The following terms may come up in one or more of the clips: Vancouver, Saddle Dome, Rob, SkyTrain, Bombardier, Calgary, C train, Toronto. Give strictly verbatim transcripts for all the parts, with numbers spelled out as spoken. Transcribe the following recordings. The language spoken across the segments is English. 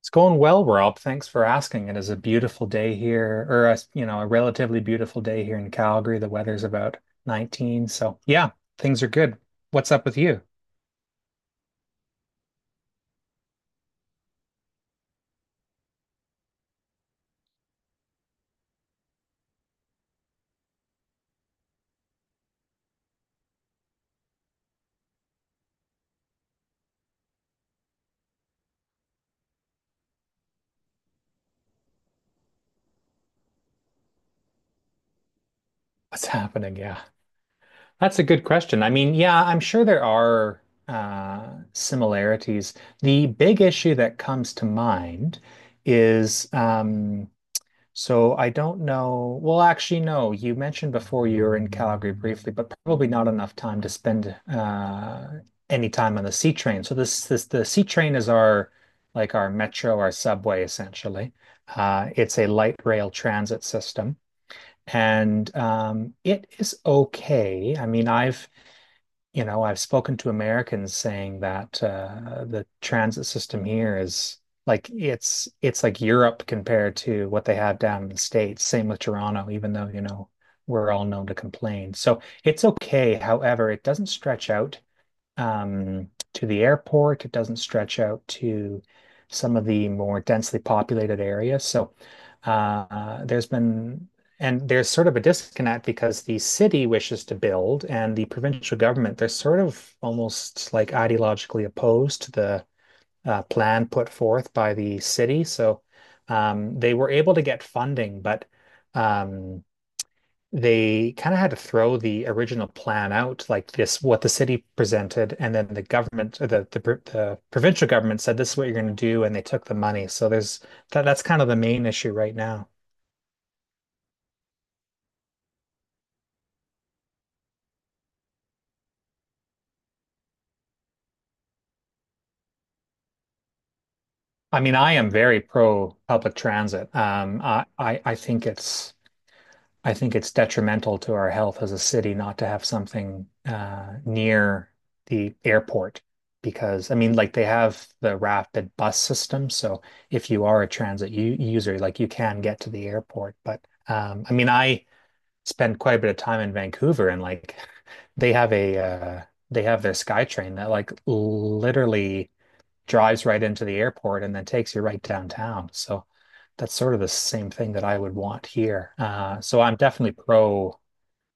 It's going well, Rob. Thanks for asking. It is a beautiful day here, or a, you know, a relatively beautiful day here in Calgary. The weather's about nineteen, so yeah, things are good. What's up with you? What's happening? Yeah, that's a good question. I mean, yeah, I'm sure there are uh, similarities. The big issue that comes to mind is, um, so I don't know. Well, actually, no. You mentioned before you were in Calgary briefly, but probably not enough time to spend uh, any time on the C train. So this this the C train is our, like, our metro, our subway, essentially. Uh, it's a light rail transit system, and um, it is okay. I mean, I've you know, I've spoken to Americans saying that uh, the transit system here is like it's it's like Europe compared to what they have down in the States. Same with Toronto, even though, you know, we're all known to complain. So it's okay. However, it doesn't stretch out um, to the airport. It doesn't stretch out to some of the more densely populated areas. So uh, there's been, and there's sort of a disconnect because the city wishes to build and the provincial government, they're sort of almost like ideologically opposed to the uh, plan put forth by the city. So um, they were able to get funding, but um, they kind of had to throw the original plan out, like this, what the city presented, and then the government, or the the, pr- the provincial government said this is what you're going to do, and they took the money. So there's that, that's kind of the main issue right now. I mean, I am very pro public transit. Um, I, I I think it's I think it's detrimental to our health as a city not to have something uh, near the airport, because I mean, like they have the rapid bus system, so if you are a transit u user, like you can get to the airport. But um, I mean, I spend quite a bit of time in Vancouver, and like they have a uh, they have their SkyTrain that like literally drives right into the airport and then takes you right downtown. So that's sort of the same thing that I would want here. Uh, so I'm definitely pro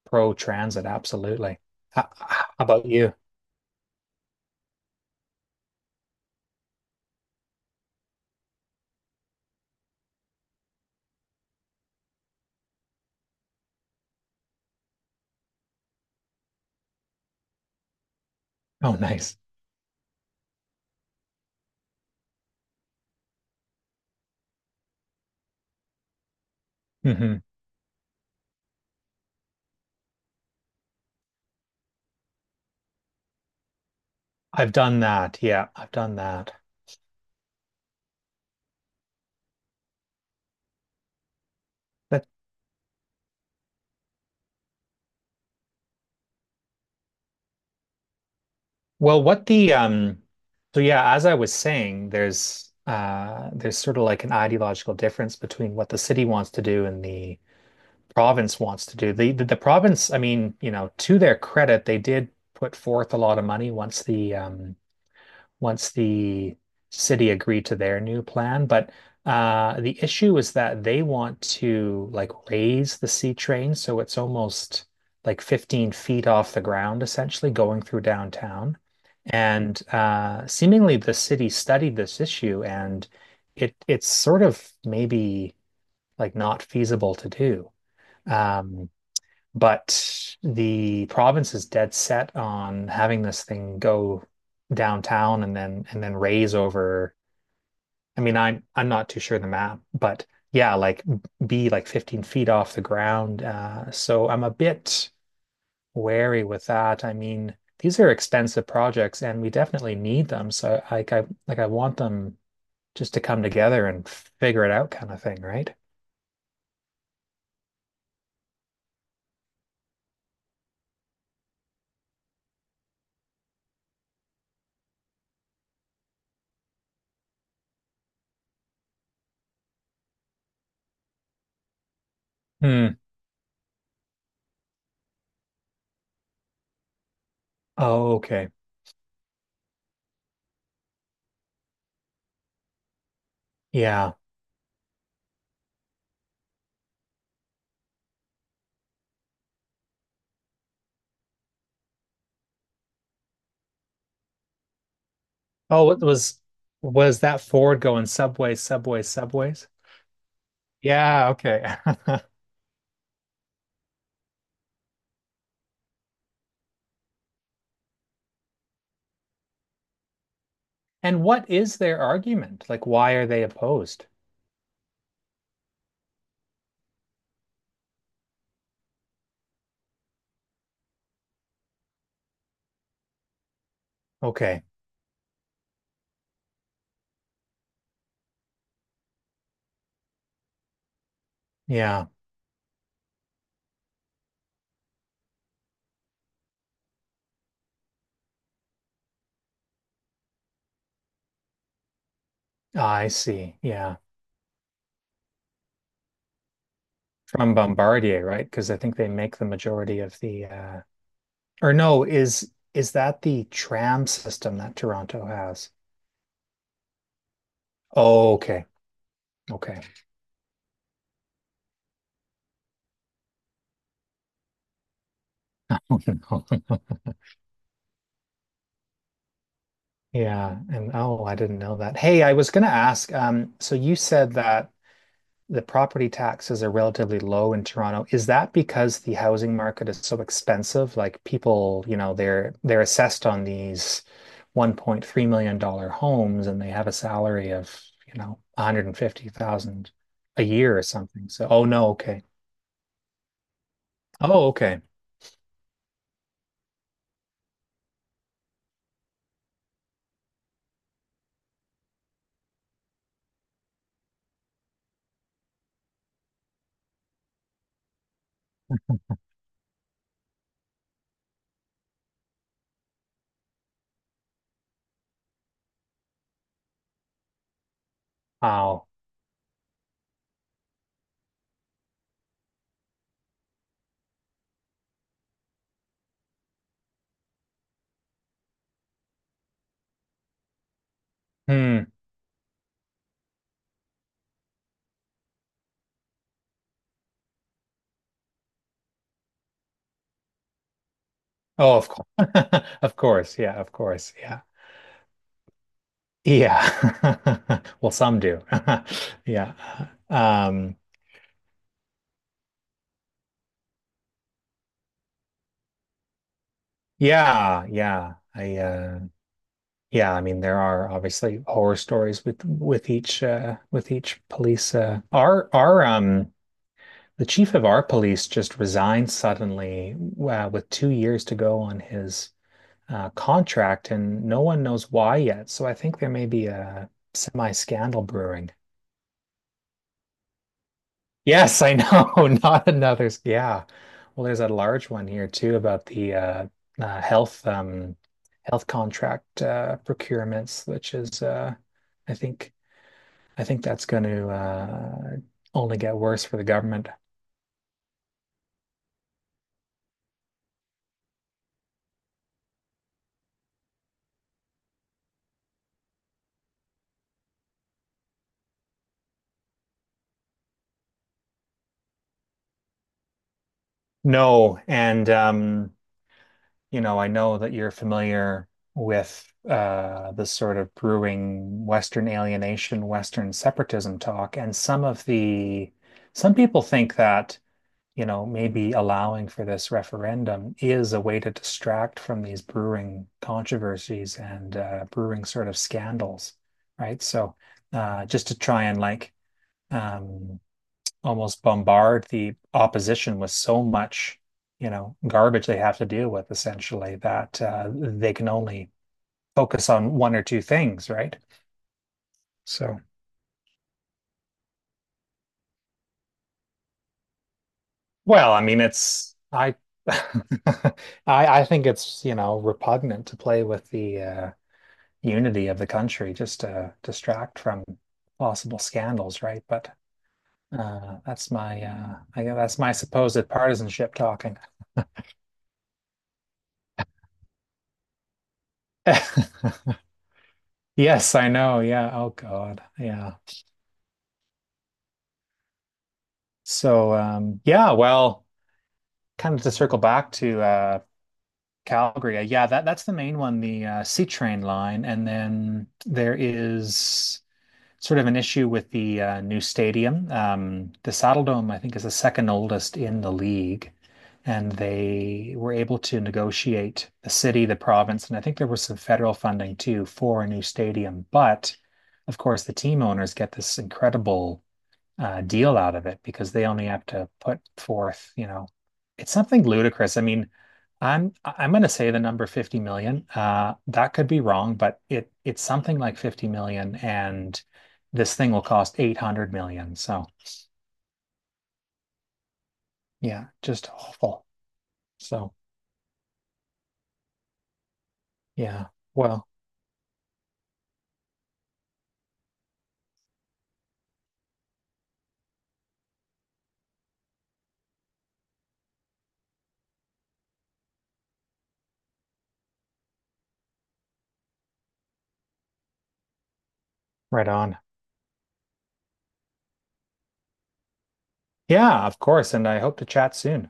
pro transit, absolutely. How, how about you? Oh, nice. Hmm. I've done that. Yeah, I've done that. But, well, what the um so yeah, as I was saying, there's uh there's sort of like an ideological difference between what the city wants to do and the province wants to do. The, the the province, I mean, you know, to their credit, they did put forth a lot of money once the um once the city agreed to their new plan. But uh the issue is that they want to like raise the C train so it's almost like fifteen feet off the ground, essentially going through downtown. And uh seemingly the city studied this issue and it it's sort of maybe like not feasible to do. Um, but the province is dead set on having this thing go downtown and then and then raise over. I mean, I'm I'm not too sure the map, but yeah, like be like fifteen feet off the ground. Uh, so I'm a bit wary with that. I mean, these are expensive projects and we definitely need them. So, like, I like I want them just to come together and figure it out kind of thing, right? Hmm. Oh, okay. Yeah. Oh, it was was that Ford going subways, subways, subways? Yeah, okay. And what is their argument? Like, why are they opposed? Okay. Yeah, I see. Yeah. From Bombardier, right? Because I think they make the majority of the uh or no, is is that the tram system that Toronto has? Oh, okay. Okay. Oh, no. Yeah, and oh, I didn't know that. Hey, I was gonna ask, um, so you said that the property taxes are relatively low in Toronto. Is that because the housing market is so expensive? Like people, you know, they're they're assessed on these one point three million dollars dollar homes and they have a salary of, you know, one hundred fifty thousand a year or something. So, oh no, okay. Oh, okay. Wow. Hmm. Oh, of course. Of course. Yeah, of course. Yeah. Yeah. Well, some do. Yeah. Um, yeah, yeah. I uh Yeah, I mean there are obviously horror stories with with each uh with each police, uh our our um the chief of our police just resigned suddenly, uh, with two years to go on his uh contract and no one knows why yet. So I think there may be a semi-scandal brewing. Yes, I know, not another. Yeah. Well, there's a large one here too about the uh, uh health um health contract uh procurements, which is uh I think I think that's going to uh, only get worse for the government. No, and um, you know, I know that you're familiar with uh, the sort of brewing Western alienation, Western separatism talk, and some of the some people think that you know maybe allowing for this referendum is a way to distract from these brewing controversies and uh, brewing sort of scandals, right? So uh, just to try and like um, almost bombard the opposition with so much, you know, garbage they have to deal with essentially that uh, they can only focus on one or two things, right? So, well, I mean, it's I I I think it's, you know, repugnant to play with the uh, unity of the country just to distract from possible scandals, right? But, uh, that's my uh, I guess that's my supposed partisanship talking. Yes, I know. Yeah. Oh God. Yeah. So, um, yeah, well, kind of to circle back to uh, Calgary, uh, yeah, that that's the main one, the uh, C train line, and then there is sort of an issue with the uh, new stadium. Um, the Saddle Dome, I think, is the second oldest in the league, and they were able to negotiate the city, the province, and I think there was some federal funding too for a new stadium. But of course, the team owners get this incredible uh, deal out of it because they only have to put forth, you know, it's something ludicrous. I mean, I'm I'm going to say the number fifty million. Uh, that could be wrong, but it it's something like fifty million, and this thing will cost eight hundred million. So yeah, just awful. So yeah, well, right on. Yeah, of course, and I hope to chat soon.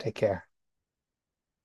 Take care.